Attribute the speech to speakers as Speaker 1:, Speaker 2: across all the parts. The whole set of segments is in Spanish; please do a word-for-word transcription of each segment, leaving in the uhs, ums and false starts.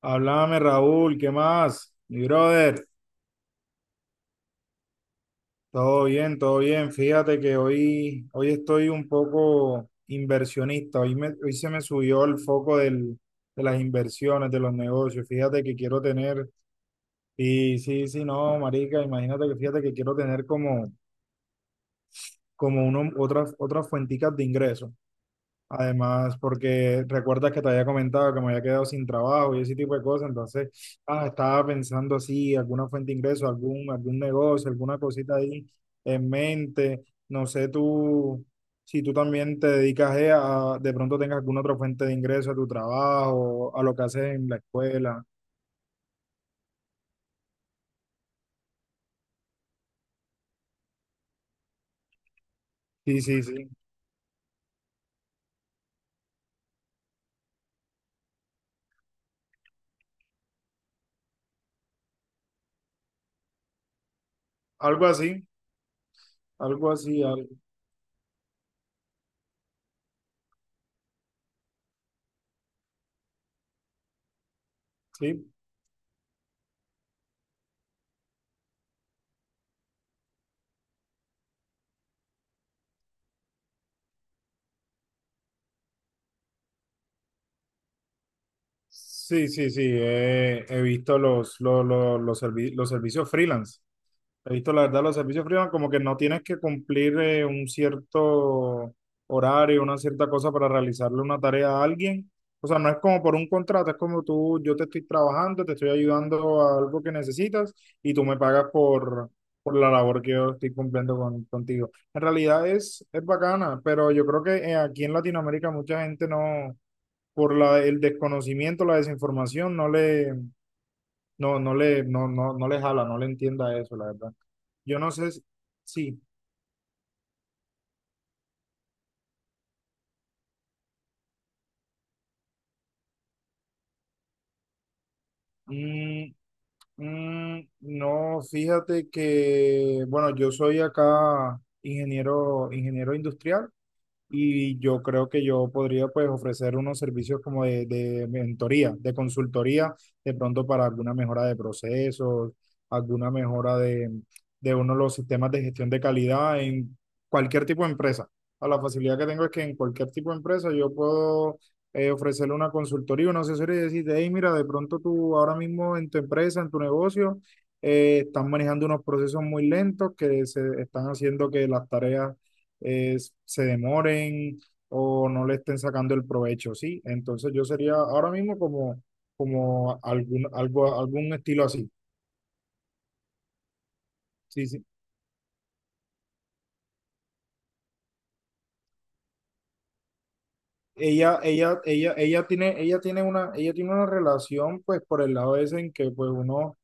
Speaker 1: Háblame, Raúl, ¿qué más? Mi brother, todo bien, todo bien. Fíjate que hoy, hoy estoy un poco inversionista. Hoy, me- hoy se me subió el foco del, de las inversiones, de los negocios. Fíjate que quiero tener, y sí, sí, no, marica, imagínate que fíjate que quiero tener como, como uno, otras, otras fuenticas de ingreso. Además, porque recuerdas que te había comentado que me había quedado sin trabajo y ese tipo de cosas, entonces, ah, estaba pensando así, alguna fuente de ingreso, algún, algún negocio, alguna cosita ahí en mente. No sé tú, si tú también te dedicas eh, a, de pronto tengas alguna otra fuente de ingreso a tu trabajo, a lo que haces en la escuela. Sí, sí, sí. Algo así, algo así, al- sí. Sí, sí, sí. Eh, he visto los, los, los, los servi- los servicios freelance. He visto, la verdad, los servicios freelance como que no tienes que cumplir eh, un cierto horario, una cierta cosa para realizarle una tarea a alguien. O sea, no es como por un contrato, es como tú, yo te estoy trabajando, te estoy ayudando a algo que necesitas y tú me pagas por, por la labor que yo estoy cumpliendo con, contigo. En realidad es, es bacana, pero yo creo que eh, aquí en Latinoamérica mucha gente no, por la, el desconocimiento, la desinformación, no le, no, no le, no, no, no les habla, no le entienda eso, la verdad. Yo no sé si, sí, mm, mm, no, fíjate que, bueno, yo soy acá ingeniero, ingeniero industrial. Y yo creo que yo podría pues ofrecer unos servicios como de, de, mentoría, de consultoría, de pronto para alguna mejora de procesos, alguna mejora de, de uno de los sistemas de gestión de calidad en cualquier tipo de empresa. A la facilidad que tengo es que en cualquier tipo de empresa yo puedo eh, ofrecerle una consultoría, una asesoría y decirte, hey, mira, de pronto tú ahora mismo en tu empresa, en tu negocio, eh, estás manejando unos procesos muy lentos que se están haciendo que las tareas es- se demoren o no le estén sacando el provecho, ¿sí? Entonces yo sería ahora mismo como, como algún, algo, algún estilo así, sí, sí. Ella, ella, ella, ella tiene, ella tiene una, ella tiene una relación, pues, por el lado ese en que, pues, uno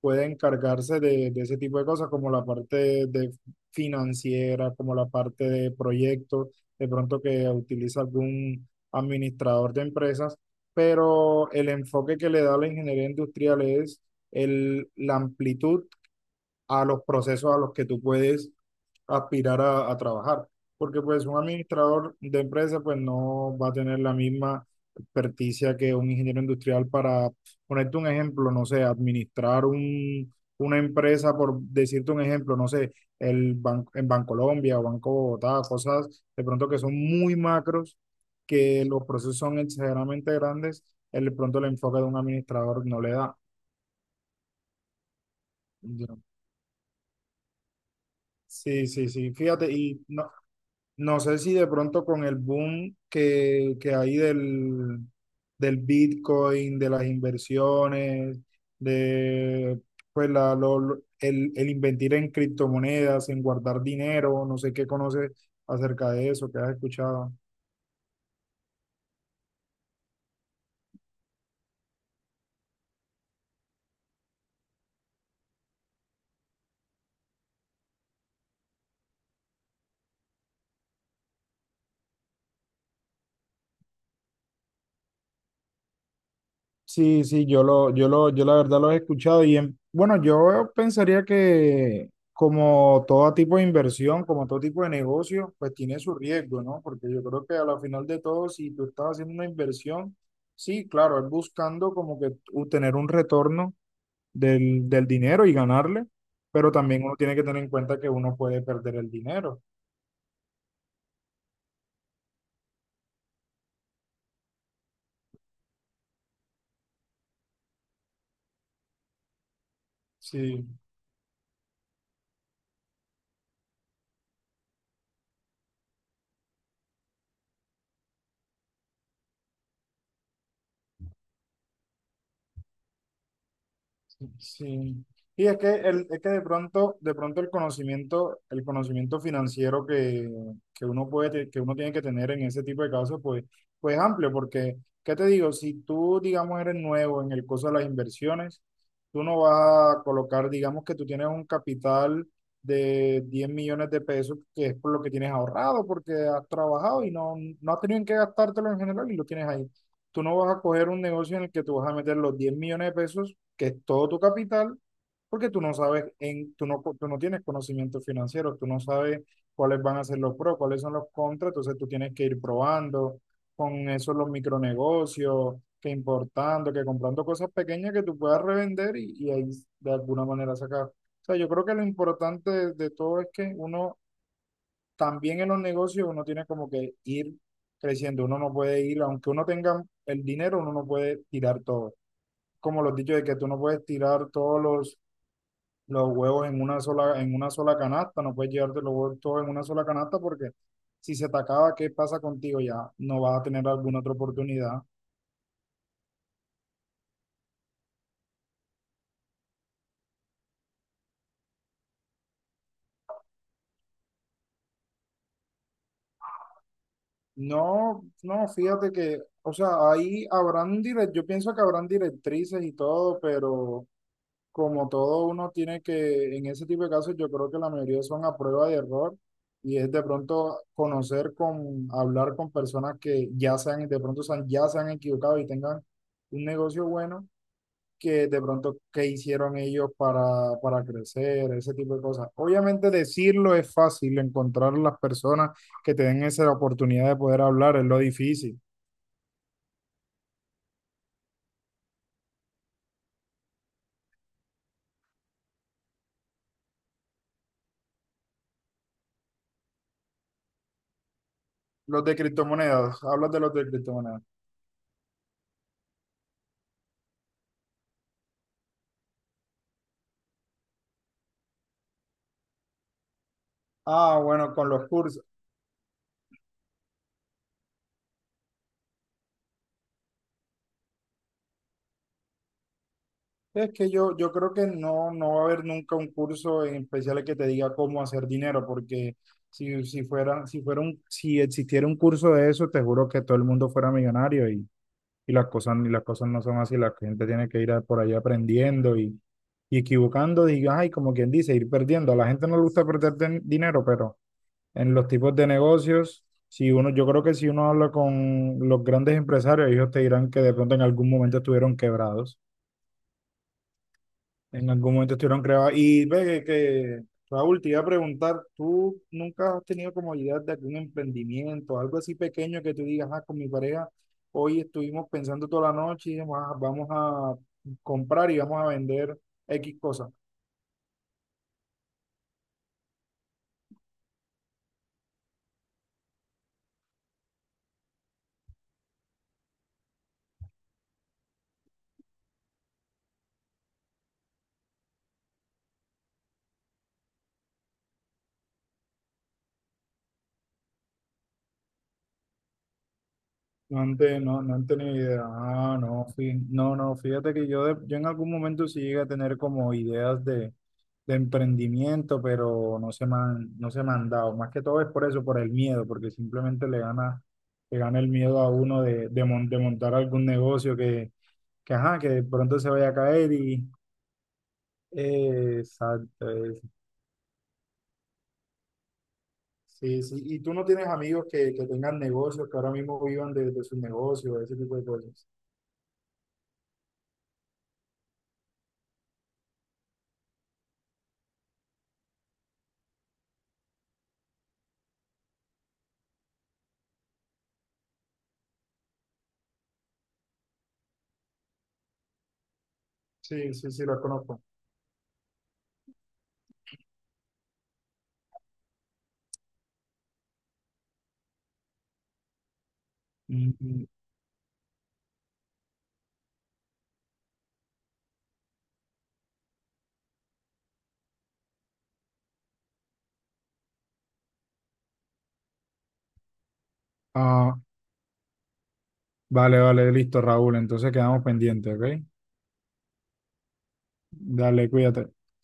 Speaker 1: puede encargarse de, de ese tipo de cosas, como la parte de financiera, como la parte de proyectos, de pronto que utiliza algún administrador de empresas, pero el enfoque que le da la ingeniería industrial es el, la amplitud a los procesos a los que tú puedes aspirar a, a trabajar. Porque pues un administrador de empresa pues no va a tener la misma experticia que un ingeniero industrial para ponerte un ejemplo, no sé, administrar un, una empresa, por decirte un ejemplo, no sé, el Ban- en Bancolombia o Banco Bogotá, cosas de pronto que son muy macros, que los procesos son exageradamente grandes, el de pronto el enfoque de un administrador no le da. Ya. Sí, sí, sí, fíjate, y no. No sé si de pronto con el boom que, que hay del, del Bitcoin, de las inversiones, de pues la, lo- lo- el, el invertir en criptomonedas, en guardar dinero, no sé qué conoces acerca de eso, qué has escuchado. Sí, sí, yo lo, yo lo, yo la verdad lo he escuchado y en- bueno, yo pensaría que como todo tipo de inversión, como todo tipo de negocio, pues tiene su riesgo, ¿no? Porque yo creo que a la final de todo, si tú estás haciendo una inversión, sí, claro, es buscando como que obtener un retorno del, del dinero y ganarle, pero también uno tiene que tener en cuenta que uno puede perder el dinero. Sí. Sí. Y es que, el, es que de pronto, de pronto el conocimiento, el conocimiento financiero que, que uno puede, te- que uno tiene que tener en ese tipo de casos, pues, pues es amplio, porque, ¿qué te digo? Si tú, digamos, eres nuevo en el curso de las inversiones, tú no vas a colocar, digamos que tú tienes un capital de diez millones de pesos, que es por lo que tienes ahorrado, porque has trabajado y no, no has tenido en qué gastártelo en general y lo tienes ahí, tú no vas a coger un negocio en el que tú vas a meter los diez millones de pesos, que es todo tu capital, porque tú no sabes, en, tú no, tú no tienes conocimiento financiero, tú no sabes cuáles van a ser los pros, cuáles son los contras, entonces tú tienes que ir probando con eso los micronegocios, que importando, que comprando cosas pequeñas que tú puedas revender y, y ahí de alguna manera sacar. O sea, yo creo que lo importante de, de todo es que uno también en los negocios uno tiene como que ir creciendo, uno no puede ir, aunque uno tenga el dinero, uno no puede tirar todo. Como los dichos de que tú no puedes tirar todos los, los huevos en una sola, en una sola canasta, no puedes llevarte los huevos todos en una sola canasta porque si se te acaba, ¿qué pasa contigo ya? No vas a tener alguna otra oportunidad. No, no, fíjate que, o sea, ahí habrán direct, yo pienso que habrán directrices y todo, pero como todo uno tiene que, en ese tipo de casos, yo creo que la mayoría son a prueba de error y es de pronto conocer con, hablar con personas que ya se han, de pronto se han- ya se han equivocado y tengan un negocio bueno, que de pronto qué hicieron ellos para, para crecer, ese tipo de cosas. Obviamente decirlo es fácil, encontrar las personas que te den esa oportunidad de poder hablar es lo difícil. Los de criptomonedas, hablas de los de criptomonedas. Ah, bueno, con los cursos. Es que yo, yo creo que no, no va a haber nunca un curso en especial que te diga cómo hacer dinero, porque si, si fuera, si fuera un, si existiera un curso de eso, te juro que todo el mundo fuera millonario y, y las cosas, y las cosas no son así, la gente tiene que ir a- por ahí aprendiendo y, y equivocando, diga, ay, como quien dice, ir perdiendo. A la gente no le gusta perder den- dinero, pero en los tipos de negocios, si uno, yo creo que si uno habla con los grandes empresarios, ellos te dirán que de pronto en algún momento estuvieron quebrados, en algún momento estuvieron creadas. Y ve que, que, Raúl, te iba a preguntar, ¿tú nunca has tenido como idea de algún emprendimiento, algo así pequeño que tú digas, ah, con mi pareja, hoy estuvimos pensando toda la noche y dijimos, "Ah, vamos a comprar y vamos a vender X cosas"? No han, te- no, no han tenido idea. Ah, no, fí- no, no, fíjate que yo, de- yo en algún momento sí llegué a tener como ideas de emprendimiento, pero no se me han, no se me han dado. Más que todo es por eso, por el miedo, porque simplemente le gana, le gana el miedo a uno de, de, mon- de montar algún negocio que, que, ajá, que de pronto se vaya a caer y... eh, exacto. es- Sí, sí. ¿Y tú no tienes amigos que, que tengan negocios, que ahora mismo vivan de, de sus negocios, ese tipo de cosas? Sí, sí, sí, los conozco. Mm, Ah, vale, vale, listo, Raúl. Entonces quedamos pendientes, ¿ok? Dale, cuídate.